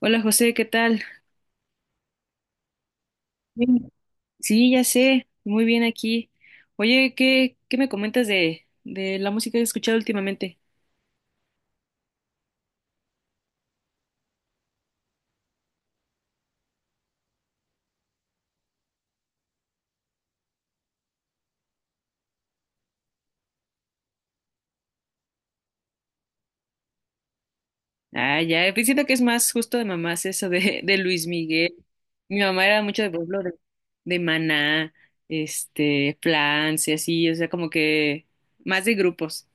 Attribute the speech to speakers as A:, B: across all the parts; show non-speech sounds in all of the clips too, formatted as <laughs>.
A: Hola José, ¿qué tal? Bien. Sí, ya sé, muy bien aquí. Oye, ¿qué me comentas de la música que has escuchado últimamente? Ah, ya, pues siento que es más justo de mamás eso de, <laughs> de Luis Miguel. Mi mamá era mucho de, por ejemplo, de Maná, Flans y así, o sea, como que más de grupos.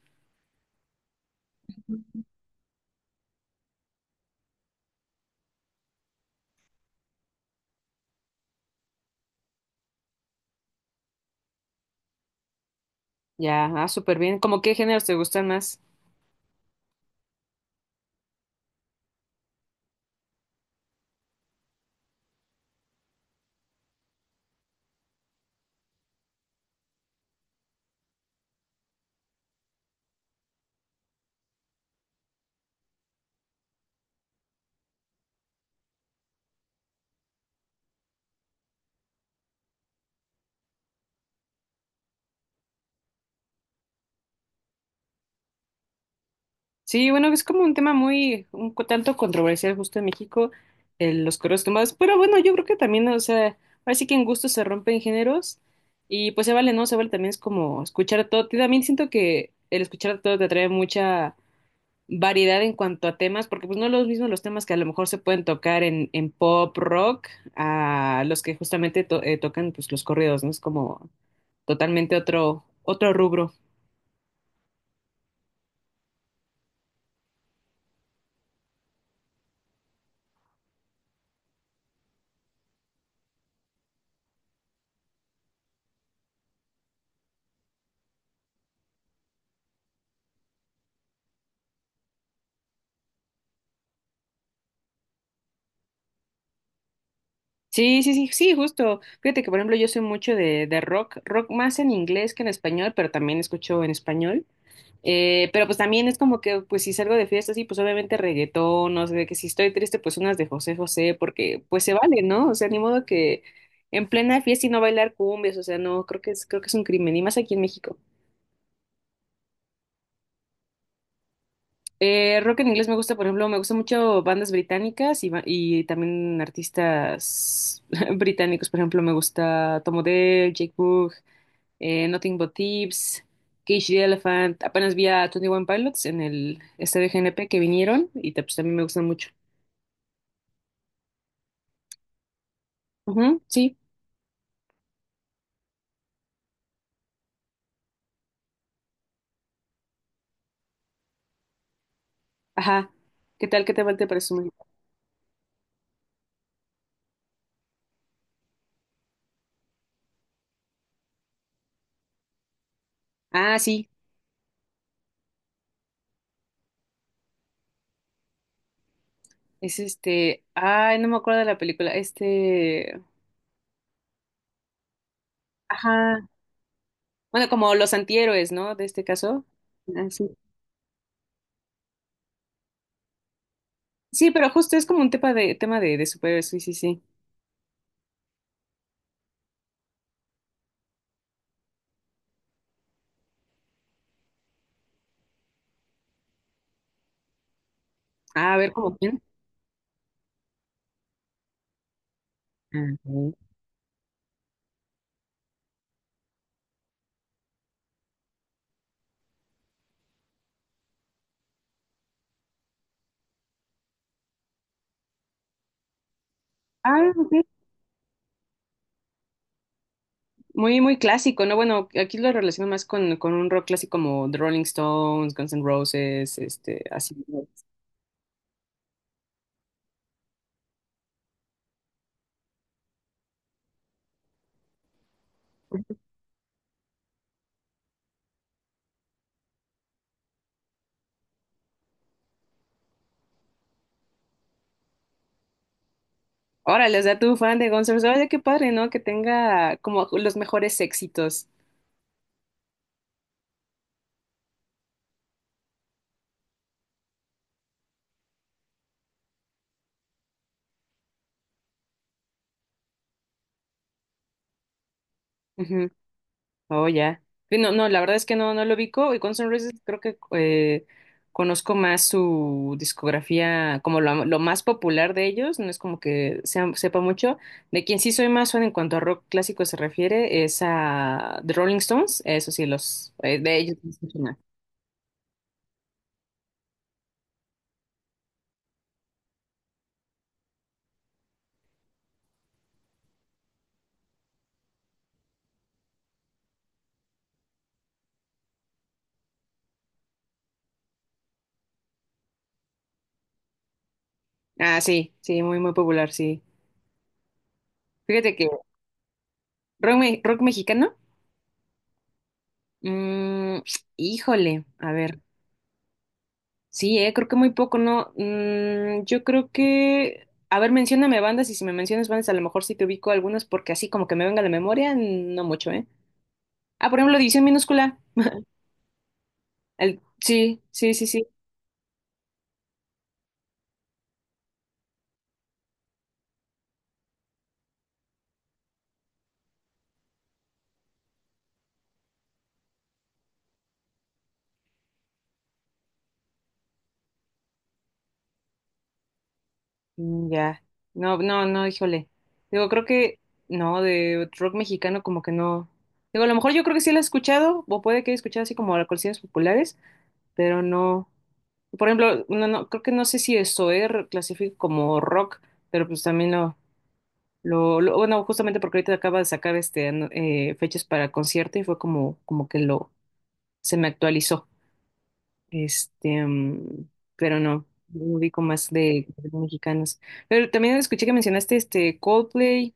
A: Ya, ah, súper bien. ¿Cómo qué géneros te gustan más? Sí, bueno, es como un tema muy, tanto controversial justo en México, los correos tumbados, pero bueno, yo creo que también, o sea, ahora sí que en gusto se rompen géneros y pues se vale, ¿no? Se vale también es como escuchar todo, y también siento que el escuchar todo te trae mucha variedad en cuanto a temas, porque pues no los mismos los temas que a lo mejor se pueden tocar en pop, rock, a los que justamente tocan pues los corridos, ¿no? Es como totalmente otro, otro rubro. Sí, sí, sí, sí, justo. Fíjate que, por ejemplo, yo soy mucho de rock, rock más en inglés que en español, pero también escucho en español. Pero pues también es como que, pues si salgo de fiesta, sí, pues obviamente reggaetón, no sé, de que si estoy triste, pues unas de José José, porque pues se vale, ¿no? O sea, ni modo que en plena fiesta y no bailar cumbias, o sea, no, creo que es un crimen, y más aquí en México. Rock en inglés me gusta, por ejemplo, me gusta mucho bandas británicas y y también artistas <laughs> británicos, por ejemplo, me gusta Tom Odell, Jake Bug, Nothing But Thieves, Cage the Elephant. Apenas vi a Twenty One Pilots en el este de GNP que vinieron y pues, también me gustan mucho. Ujú, sí, ajá. ¿Qué tal? ¿Qué te va? ¿Te parece muy... Ah, sí, es este. Ay, no me acuerdo de la película. Este. Ajá. Bueno, como los antihéroes, ¿no? De este caso. Ah, sí. Sí, pero justo es como un tema de de superhéroes, sí, sí, sí. Ah, a ver, ¿cómo quién? Ah, ok. Ah, ok. Muy, muy clásico, ¿no? Bueno, aquí lo relaciono más con un rock clásico como The Rolling Stones, Guns N' Roses, este, así, ¿no? Órale, o sea, tú fan de Guns N' Roses, oye, qué padre, ¿no? Que tenga como los mejores éxitos. Oh, ya. Sí, no, no, la verdad es que no, no lo ubico. Y Guns N' Roses creo que conozco más su discografía, como lo más popular de ellos, no es como que sepa mucho. De quien sí soy más fan en cuanto a rock clásico se refiere es a The Rolling Stones, eso sí, los de ellos no escucho nada. Ah, sí, sí, muy, muy popular, sí. Fíjate que rock mexicano, mm, híjole, a ver. Sí, creo que muy poco, ¿no? Mm, yo creo que, a ver, mencióname bandas y si me mencionas bandas, a lo mejor sí te ubico algunas porque así como que me venga a la memoria, no mucho, ¿eh? Ah, por ejemplo, División Minúscula. El... Sí, sí, sí, sí. Mm, ya. No, no, no, híjole. Digo, creo que, no, de rock mexicano como que no. Digo, a lo mejor yo creo que sí la he escuchado, o puede que haya escuchado así como las canciones populares, pero no. Por ejemplo, no, no, creo que no sé si eso, clasifico como rock, pero pues también no. Bueno, justamente porque ahorita acaba de sacar fechas para concierto y fue como, como que lo se me actualizó. Mm, pero no, no ubico más de mexicanos. Pero también escuché que mencionaste este Coldplay,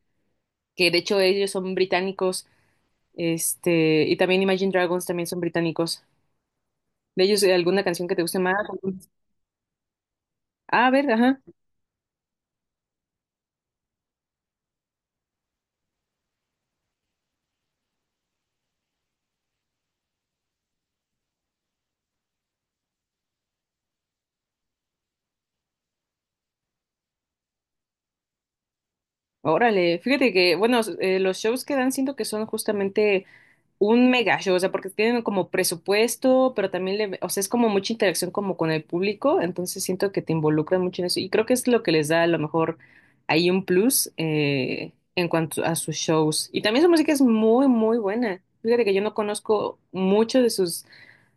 A: que de hecho ellos son británicos, este, y también Imagine Dragons también son británicos. ¿De ellos alguna canción que te guste más? Ah, a ver, ajá. Órale, fíjate que, bueno, los shows que dan siento que son justamente un mega show, o sea, porque tienen como presupuesto, pero también le, o sea, es como mucha interacción como con el público, entonces siento que te involucran mucho en eso y creo que es lo que les da a lo mejor ahí un plus en cuanto a sus shows. Y también su música es muy, muy buena. Fíjate que yo no conozco mucho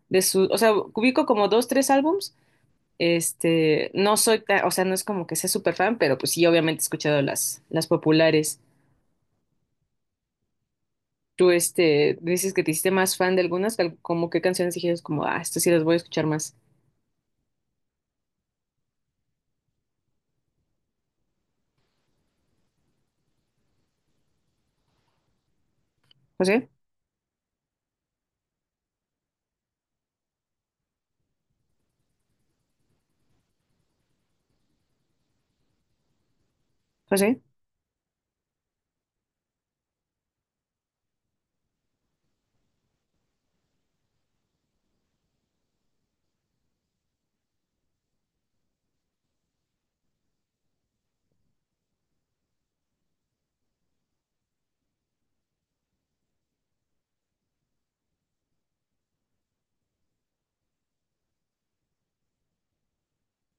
A: de sus, o sea, ubico como dos, tres álbums. No soy tan, o sea, no es como que sea súper fan, pero pues sí, obviamente he escuchado las populares. Tú, este, dices que te hiciste más fan de algunas, como qué canciones dijiste, como, ah, estas sí las voy a escuchar más. José, José,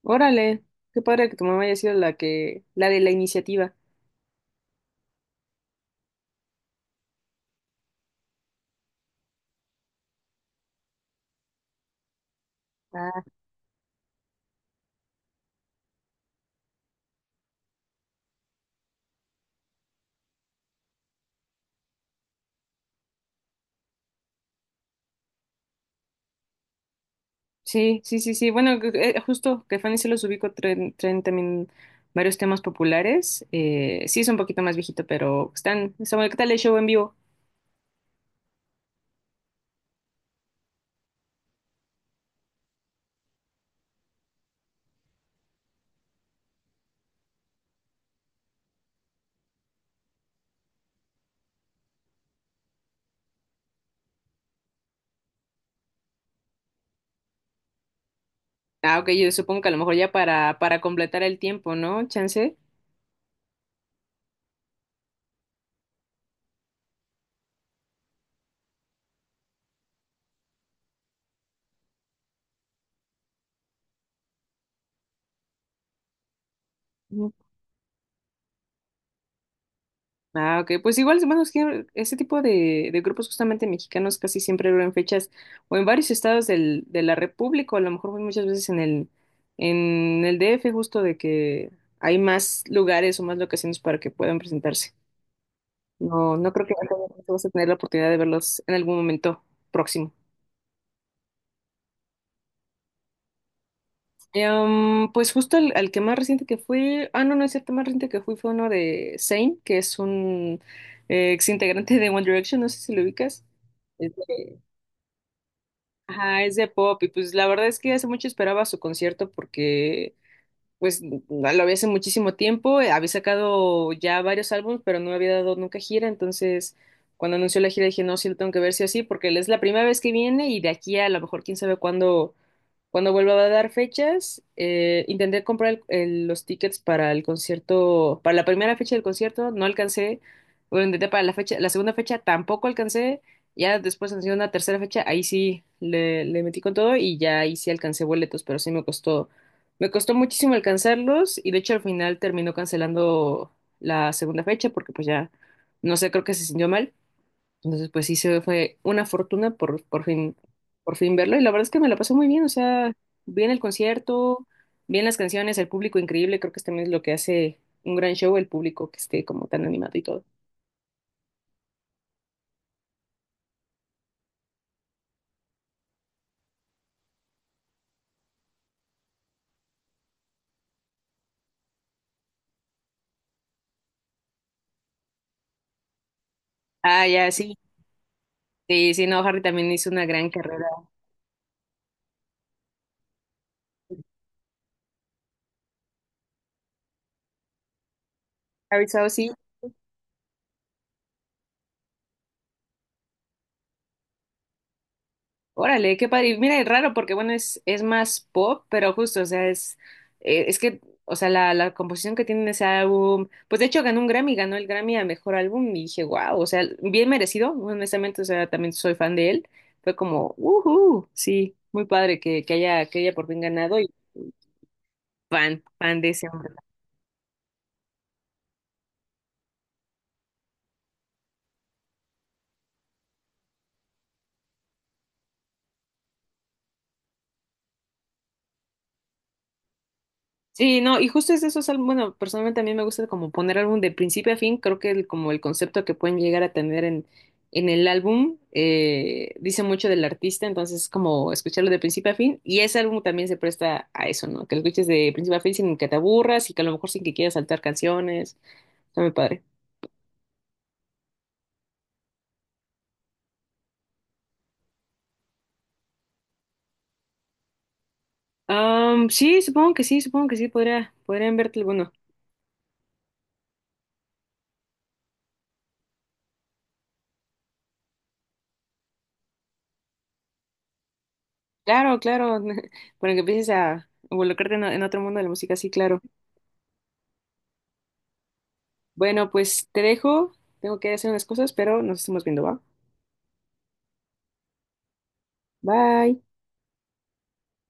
A: órale, qué padre que tu mamá haya sido la que, la de la iniciativa. Ah, sí, sí, sí, sí. Bueno, justo que Fanny se los ubico, traen, traen también varios temas populares. Sí, es un poquito más viejito, pero están, está bueno. ¿Qué tal el show en vivo? Ah, ok, yo supongo que a lo mejor ya para completar el tiempo, ¿no? Chance. Ah, ok, pues igual, bueno, es que ese tipo de grupos justamente mexicanos casi siempre duran fechas o en varios estados de la República, o a lo mejor muchas veces en el DF, justo de que hay más lugares o más locaciones para que puedan presentarse. No, no creo que vas a tener la oportunidad de verlos en algún momento próximo. Pues justo al que más reciente que fui, ah, no, no es cierto, más reciente que fui fue uno de Zayn, que es un ex integrante de One Direction, no sé si lo ubicas. Este, ajá, es de pop y pues la verdad es que hace mucho esperaba su concierto porque pues no, lo había hace muchísimo tiempo, había sacado ya varios álbumes pero no había dado nunca gira, entonces cuando anunció la gira dije no, sí lo tengo que ver sí o sí porque es la primera vez que viene y de aquí a lo mejor quién sabe cuándo cuando vuelva a dar fechas, intenté comprar los tickets para el concierto, para la primera fecha del concierto, no alcancé. Bueno, intenté para la fecha, la segunda fecha tampoco alcancé. Ya después en una tercera fecha, ahí sí le metí con todo y ya ahí sí alcancé boletos, pero sí me costó muchísimo alcanzarlos y de hecho al final terminó cancelando la segunda fecha porque pues ya, no sé, creo que se sintió mal. Entonces, pues sí se fue una fortuna por fin verlo. Y la verdad es que me la pasé muy bien. O sea, bien el concierto, bien las canciones, el público increíble. Creo que también es lo que hace un gran show, el público que esté como tan animado y todo. Ah, ya, sí. Sí, sí, no, Harry también hizo una gran carrera. Harry Styles, sí. Órale, qué padre. Y mira, es raro porque, bueno, es más pop, pero justo, o sea, es que, o sea, la composición que tiene ese álbum, pues de hecho ganó un Grammy, ganó el Grammy a mejor álbum y dije, wow, o sea, bien merecido, honestamente, o sea, también soy fan de él. Fue como, uhu, sí, muy padre que haya por fin ganado y fan, fan de ese hombre. Sí, no, y justo es de esos álbumes, bueno, personalmente a mí me gusta como poner álbum de principio a fin, creo que como el concepto que pueden llegar a tener en el álbum dice mucho del artista, entonces es como escucharlo de principio a fin, y ese álbum también se presta a eso, ¿no? Que lo escuches de principio a fin sin que te aburras y que a lo mejor sin que quieras saltar canciones, está muy padre. Sí, supongo que sí, supongo que sí, podría, podrían verte alguno. Claro, claro, <laughs> para que empieces a involucrarte en otro mundo de la música, sí, claro. Bueno, pues te dejo. Tengo que hacer unas cosas, pero nos estamos viendo, ¿va? Bye.